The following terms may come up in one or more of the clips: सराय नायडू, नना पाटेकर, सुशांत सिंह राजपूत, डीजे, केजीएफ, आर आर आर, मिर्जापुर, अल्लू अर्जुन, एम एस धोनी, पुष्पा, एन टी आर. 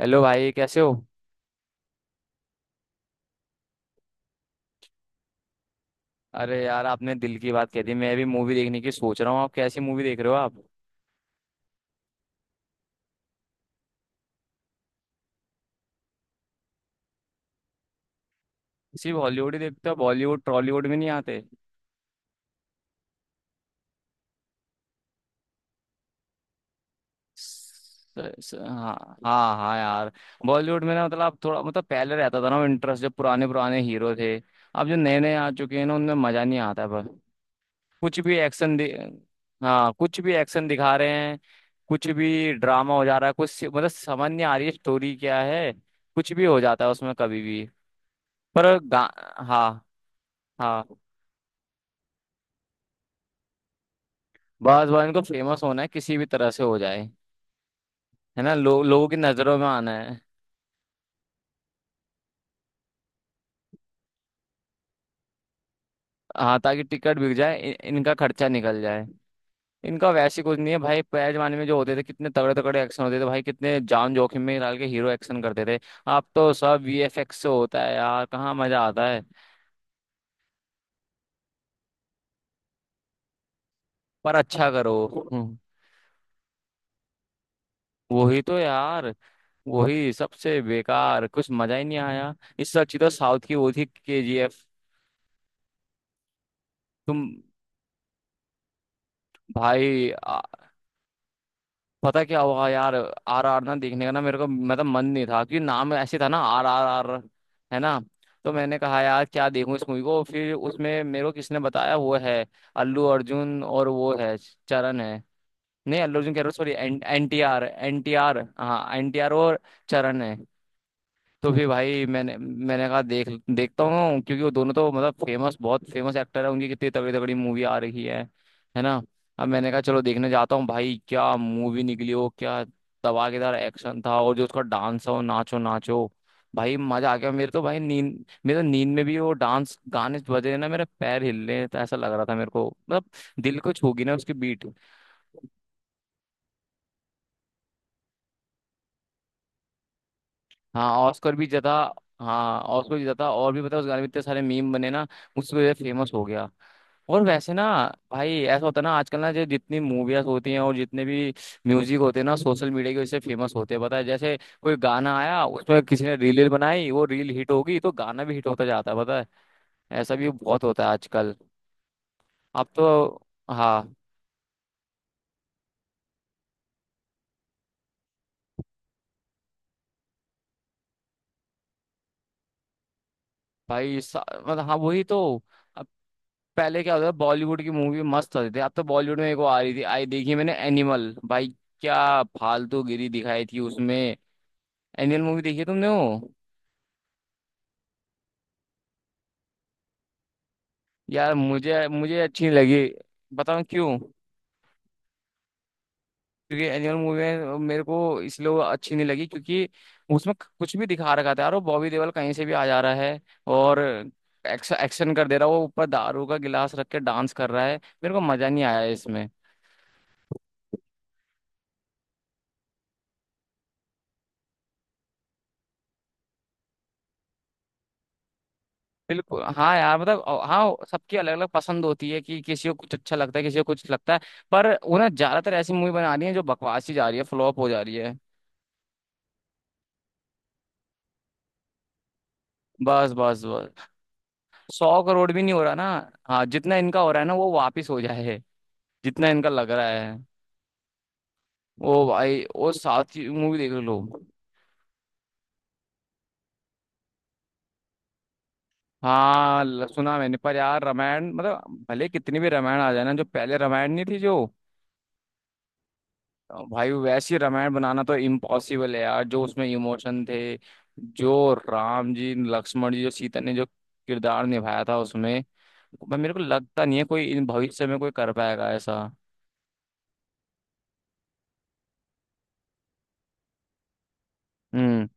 Hello भाई, कैसे हो? अरे यार, आपने दिल की बात कह दी। मैं भी मूवी देखने की सोच रहा हूँ। आप कैसी मूवी देख रहे हो? आप सिर्फ हॉलीवुड ही देखते हो, बॉलीवुड टॉलीवुड में नहीं आते? स- हाँ। हाँ हाँ यार। बॉलीवुड में ना मतलब थोड़ा, मतलब पहले रहता था ना इंटरेस्ट, जब पुराने पुराने हीरो थे। अब जो नए नए आ चुके हैं ना, उनमें मजा नहीं आता, पर कुछ भी एक्शन दि... हाँ, कुछ भी एक्शन दिखा रहे हैं। कुछ भी ड्रामा हो जा रहा है, कुछ, मतलब समझ नहीं आ रही है स्टोरी क्या है। कुछ भी हो जाता है उसमें कभी भी। पर गा हाँ। हाँ। बस बस इनको फेमस होना है, किसी भी तरह से हो जाए। है ना, लोगों की नजरों में आना है। हाँ, ताकि टिकट बिक जाए, इनका खर्चा निकल जाए। इनका वैसे कुछ नहीं है भाई। पहले जमाने में जो होते थे, कितने तगड़े तगड़े एक्शन होते थे भाई। कितने जान जोखिम में डाल के हीरो एक्शन करते थे। अब तो सब वीएफएक्स से होता है यार, कहाँ मजा आता है। पर अच्छा करो। हम्म। वही तो यार। वही सबसे बेकार, कुछ मजा ही नहीं आया। इससे अच्छी तो साउथ की वो थी, केजीएफ। तुम भाई, पता क्या हुआ यार, आर आर ना देखने का ना मेरे को, मतलब मन नहीं था, क्योंकि नाम ऐसे था ना, आर आर आर। है ना। तो मैंने कहा यार, क्या देखूं इस मूवी को। फिर उसमें मेरे को किसने बताया, वो है अल्लू अर्जुन और वो है चरण है। नहीं, अल्लू अर्जुन कह रहा हूँ sorry. NTR, एन टी आर, हाँ एन टी आर और चरण है। तो फिर भाई मैंने मैंने कहा, देख, देखता हूँ, क्योंकि वो दोनों तो मतलब फेमस, बहुत फेमस एक्टर है। उनकी कितनी तगड़ी तगड़ी मूवी आ रही है। है ना। अब मैंने कहा चलो देखने जाता हूँ भाई, क्या मूवी निकली हो क्या। धमाकेदार एक्शन था, और जो उसका डांस हो, नाचो नाचो, भाई मजा आ गया। मेरे तो भाई नींद, मेरे तो नींद में भी वो डांस गाने बज रहे ना, मेरे पैर हिल रहे हैं। तो ऐसा लग रहा था मेरे को, मतलब दिल को छू गई ना उसकी बीट। हाँ ऑस्कर भी ज्यादा। हाँ ऑस्कर भी ज्यादा, और भी पता है, उस गाने में इतने सारे मीम बने ना, उस वजह से फेमस हो गया। और वैसे ना भाई, ऐसा होता है ना आजकल ना, जो जितनी मूवीज होती हैं और जितने भी म्यूजिक होते हैं ना, सोशल मीडिया की वजह से फेमस होते हैं, पता है। जैसे कोई गाना आया, उसमें किसी ने रील बनाई, वो रील हिट होगी तो गाना भी हिट होता जाता है, पता है। ऐसा भी बहुत होता है आजकल। अब तो हाँ भाई, मतलब हाँ, वही तो। पहले क्या होता था, बॉलीवुड की मूवी मस्त होती थी। अब तो बॉलीवुड में एक वो आ रही थी, आई देखी मैंने, एनिमल भाई। क्या फालतू गिरी दिखाई थी उसमें। एनिमल मूवी देखी है तुमने वो? यार मुझे मुझे अच्छी नहीं लगी। बताऊं क्यों? क्योंकि एनिमल मूवी में मेरे को, इसलिए वो अच्छी नहीं लगी क्योंकि उसमें कुछ भी दिखा रखा था यार। वो बॉबी देओल कहीं से भी आ जा रहा है, और एक्शन एक्शन कर दे रहा है, वो ऊपर दारू का गिलास रख के डांस कर रहा है। मेरे को मजा नहीं आया इसमें। बिल्कुल हाँ यार, मतलब हाँ सबकी अलग अलग पसंद होती है, कि किसी को कुछ अच्छा लगता है, किसी को कुछ लगता है। पर उन्हें ज्यादातर ऐसी मूवी बनानी है जो बकवास ही जा रही है, फ्लॉप हो जा रही है। बस बस बस। 100 करोड़ भी नहीं हो रहा ना। हाँ, जितना इनका हो रहा है ना वो वापिस हो जाए, जितना इनका लग रहा है। वो भाई, वो साउथ की मूवी देख लो। हाँ, सुना मैंने, पर यार रामायण, मतलब भले कितनी भी रामायण आ जाए ना, जो पहले रामायण नहीं थी जो, भाई वैसी रामायण बनाना तो इम्पॉसिबल है यार। जो उसमें इमोशन थे, जो राम जी, लक्ष्मण जी, जो सीता ने जो किरदार निभाया था उसमें, भाई मेरे को लगता नहीं है कोई इन भविष्य में कोई कर पाएगा ऐसा। हम्म।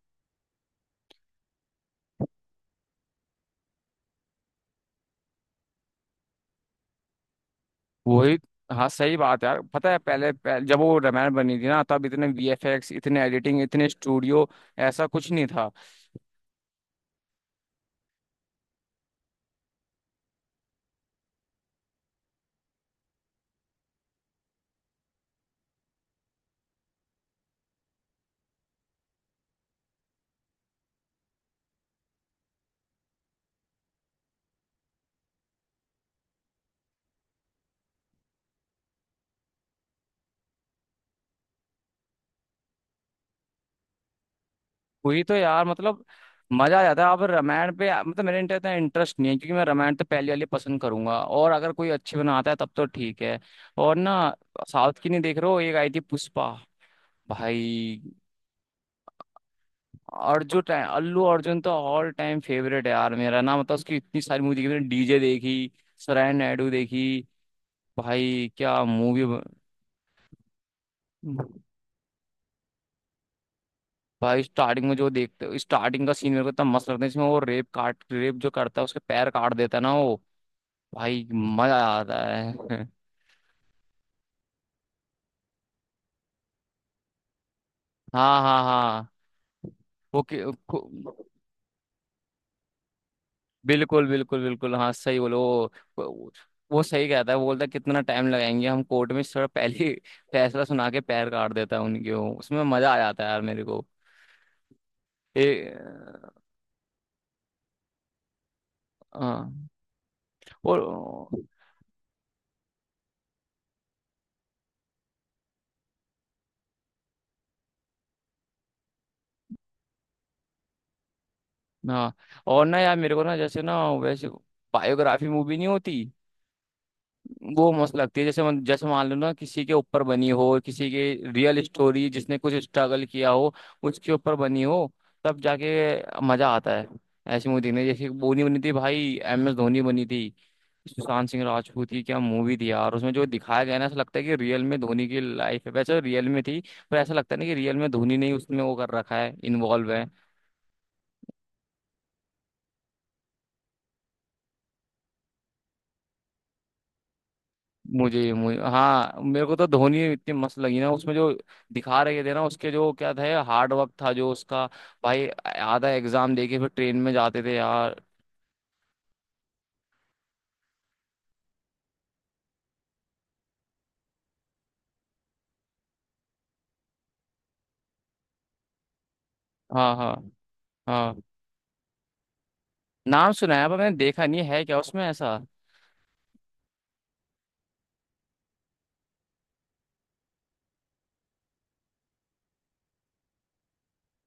वही। हाँ सही बात है यार। पता है पहले जब वो रामायण बनी थी ना, तब इतने वीएफएक्स, इतने एडिटिंग, इतने स्टूडियो, ऐसा कुछ नहीं था। वही तो यार, मतलब मजा आ जाता है। आप रामायण पे, मतलब मेरे इंटर इतना इंटरेस्ट नहीं है, क्योंकि मैं रामायण तो पहली वाली पसंद करूंगा, और अगर कोई अच्छी बनाता है तब तो ठीक है। और ना, साउथ की नहीं देख रहे हो, एक आई थी पुष्पा भाई। अर्जुन टाइम अल्लू अर्जुन तो ऑल टाइम फेवरेट है यार मेरा ना, मतलब उसकी इतनी सारी मूवी देखी मैंने। डीजे देखी, सराय नायडू देखी, भाई क्या मूवी। भाई स्टार्टिंग में जो देखते, स्टार्टिंग का सीन मेरे को इतना मस्त लगता है इसमें। वो रेप जो करता है उसके पैर काट देता है ना वो, भाई मजा आ रहा है। हाँ हाँ हाँ। वो कि- को- बिल्कुल बिल्कुल बिल्कुल, हाँ सही बोलो। वो वो सही कहता है, वो बोलता है कितना टाइम लगाएंगे हम कोर्ट में, थोड़ा पहले ही फैसला सुना के पैर काट देता है उनके। वो उसमें मजा आ जाता है यार मेरे को। ए हाँ। और, हाँ, और ना यार, मेरे को ना जैसे ना, वैसे बायोग्राफी मूवी नहीं होती, वो मस्त लगती है। जैसे जैसे मान लो ना, किसी के ऊपर बनी हो, किसी के रियल स्टोरी जिसने कुछ स्ट्रगल किया हो, उसके ऊपर बनी हो, तब जाके मजा आता है ऐसी मूवी देखने। जैसे बोनी बनी थी भाई एमएस धोनी बनी थी, सुशांत सिंह राजपूत की। क्या मूवी थी यार, उसमें जो दिखाया गया है ना, ऐसा लगता है कि रियल में धोनी की लाइफ है, वैसे रियल में थी। पर ऐसा लगता है ना कि रियल में धोनी ने ही उसमें वो कर रखा है, इन्वॉल्व है। मुझे मुझे हाँ, मेरे को तो धोनी इतनी मस्त लगी ना। उसमें जो दिखा रहे थे ना उसके, जो क्या था हार्ड वर्क था जो उसका, भाई आधा एग्जाम देके फिर ट्रेन में जाते थे यार। हाँ हाँ। हाँ। नाम सुना है पर मैंने देखा नहीं है। क्या उसमें ऐसा?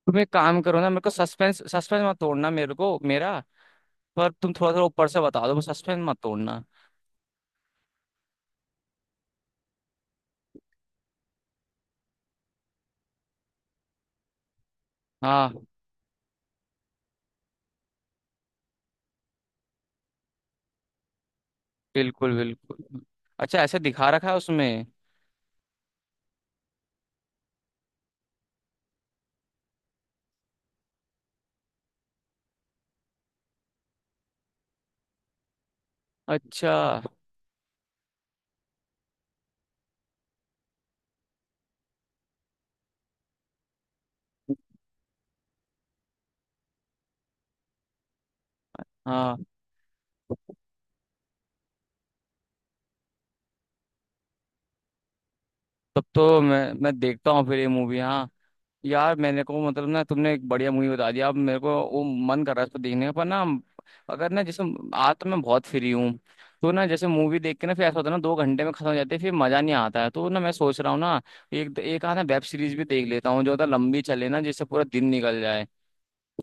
तुम एक काम करो ना, मेरे को सस्पेंस सस्पेंस मत तोड़ना, मेरे को मेरा पर तुम थोड़ा थोड़ा ऊपर से बता दो, सस्पेंस मत तोड़ना। हाँ बिल्कुल बिल्कुल। अच्छा, ऐसे दिखा रखा है उसमें? अच्छा। हाँ। तब तो मैं देखता हूँ फिर ये मूवी। हाँ यार, मैंने को मतलब ना, तुमने एक बढ़िया मूवी बता दिया। अब मेरे को वो मन कर रहा है इसको देखने का, पर ना, अगर ना जैसे, आज तो मैं बहुत फ्री हूँ। तो ना जैसे मूवी देख के ना, फिर ऐसा होता है ना, 2 घंटे में खत्म हो जाते हैं, फिर मजा नहीं आता है। तो ना मैं सोच रहा हूँ ना, एक एक आधा वेब सीरीज भी देख लेता हूँ, जो मतलब लंबी चले ना, जिससे पूरा दिन निकल जाए।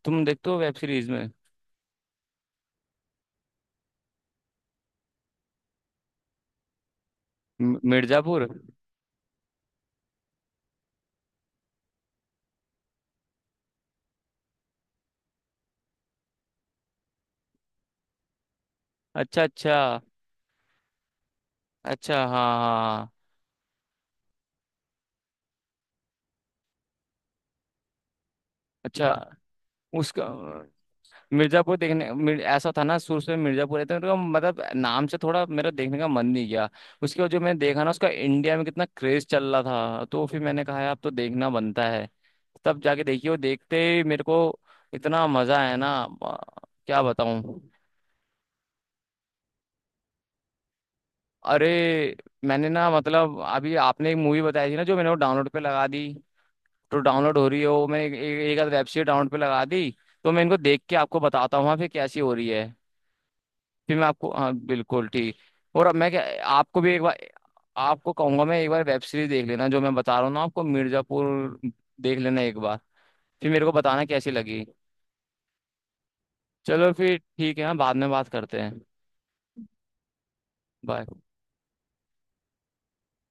तुम देखते हो वेब सीरीज? में मिर्जापुर। अच्छा अच्छा। अच्छा हाँ हाँ, हाँ, अच्छा। उसका मिर्जापुर देखने, ऐसा था ना, शुरू से मिर्जापुर रहते हैं तो मतलब नाम से थोड़ा मेरा देखने का मन नहीं गया। उसके बाद जो मैंने देखा ना, उसका इंडिया में कितना क्रेज चल रहा था, तो फिर मैंने कहा यार अब तो देखना बनता है। तब जाके देखिए, वो देखते ही मेरे को इतना मजा आया ना। आ, क्या बताऊं। अरे, मैंने ना मतलब, अभी आपने एक मूवी बताई थी ना, जो मैंने वो डाउनलोड पे लगा दी, तो डाउनलोड हो रही है वो। मैंने एक एक एक आध वेब सीरीज डाउनलोड पे लगा दी। तो मैं इनको देख के आपको बताता हूँ, हाँ, फिर कैसी हो रही है। फिर मैं आपको, हाँ, बिल्कुल ठीक। और अब मैं क्या, आपको भी एक बार, आपको कहूंगा मैं एक बार वेब सीरीज देख लेना। जो मैं बता रहा हूँ ना आपको, मिर्जापुर, देख लेना एक बार, फिर मेरे को बताना कैसी लगी। चलो फिर ठीक है, हाँ, बाद में बात करते हैं। बाय।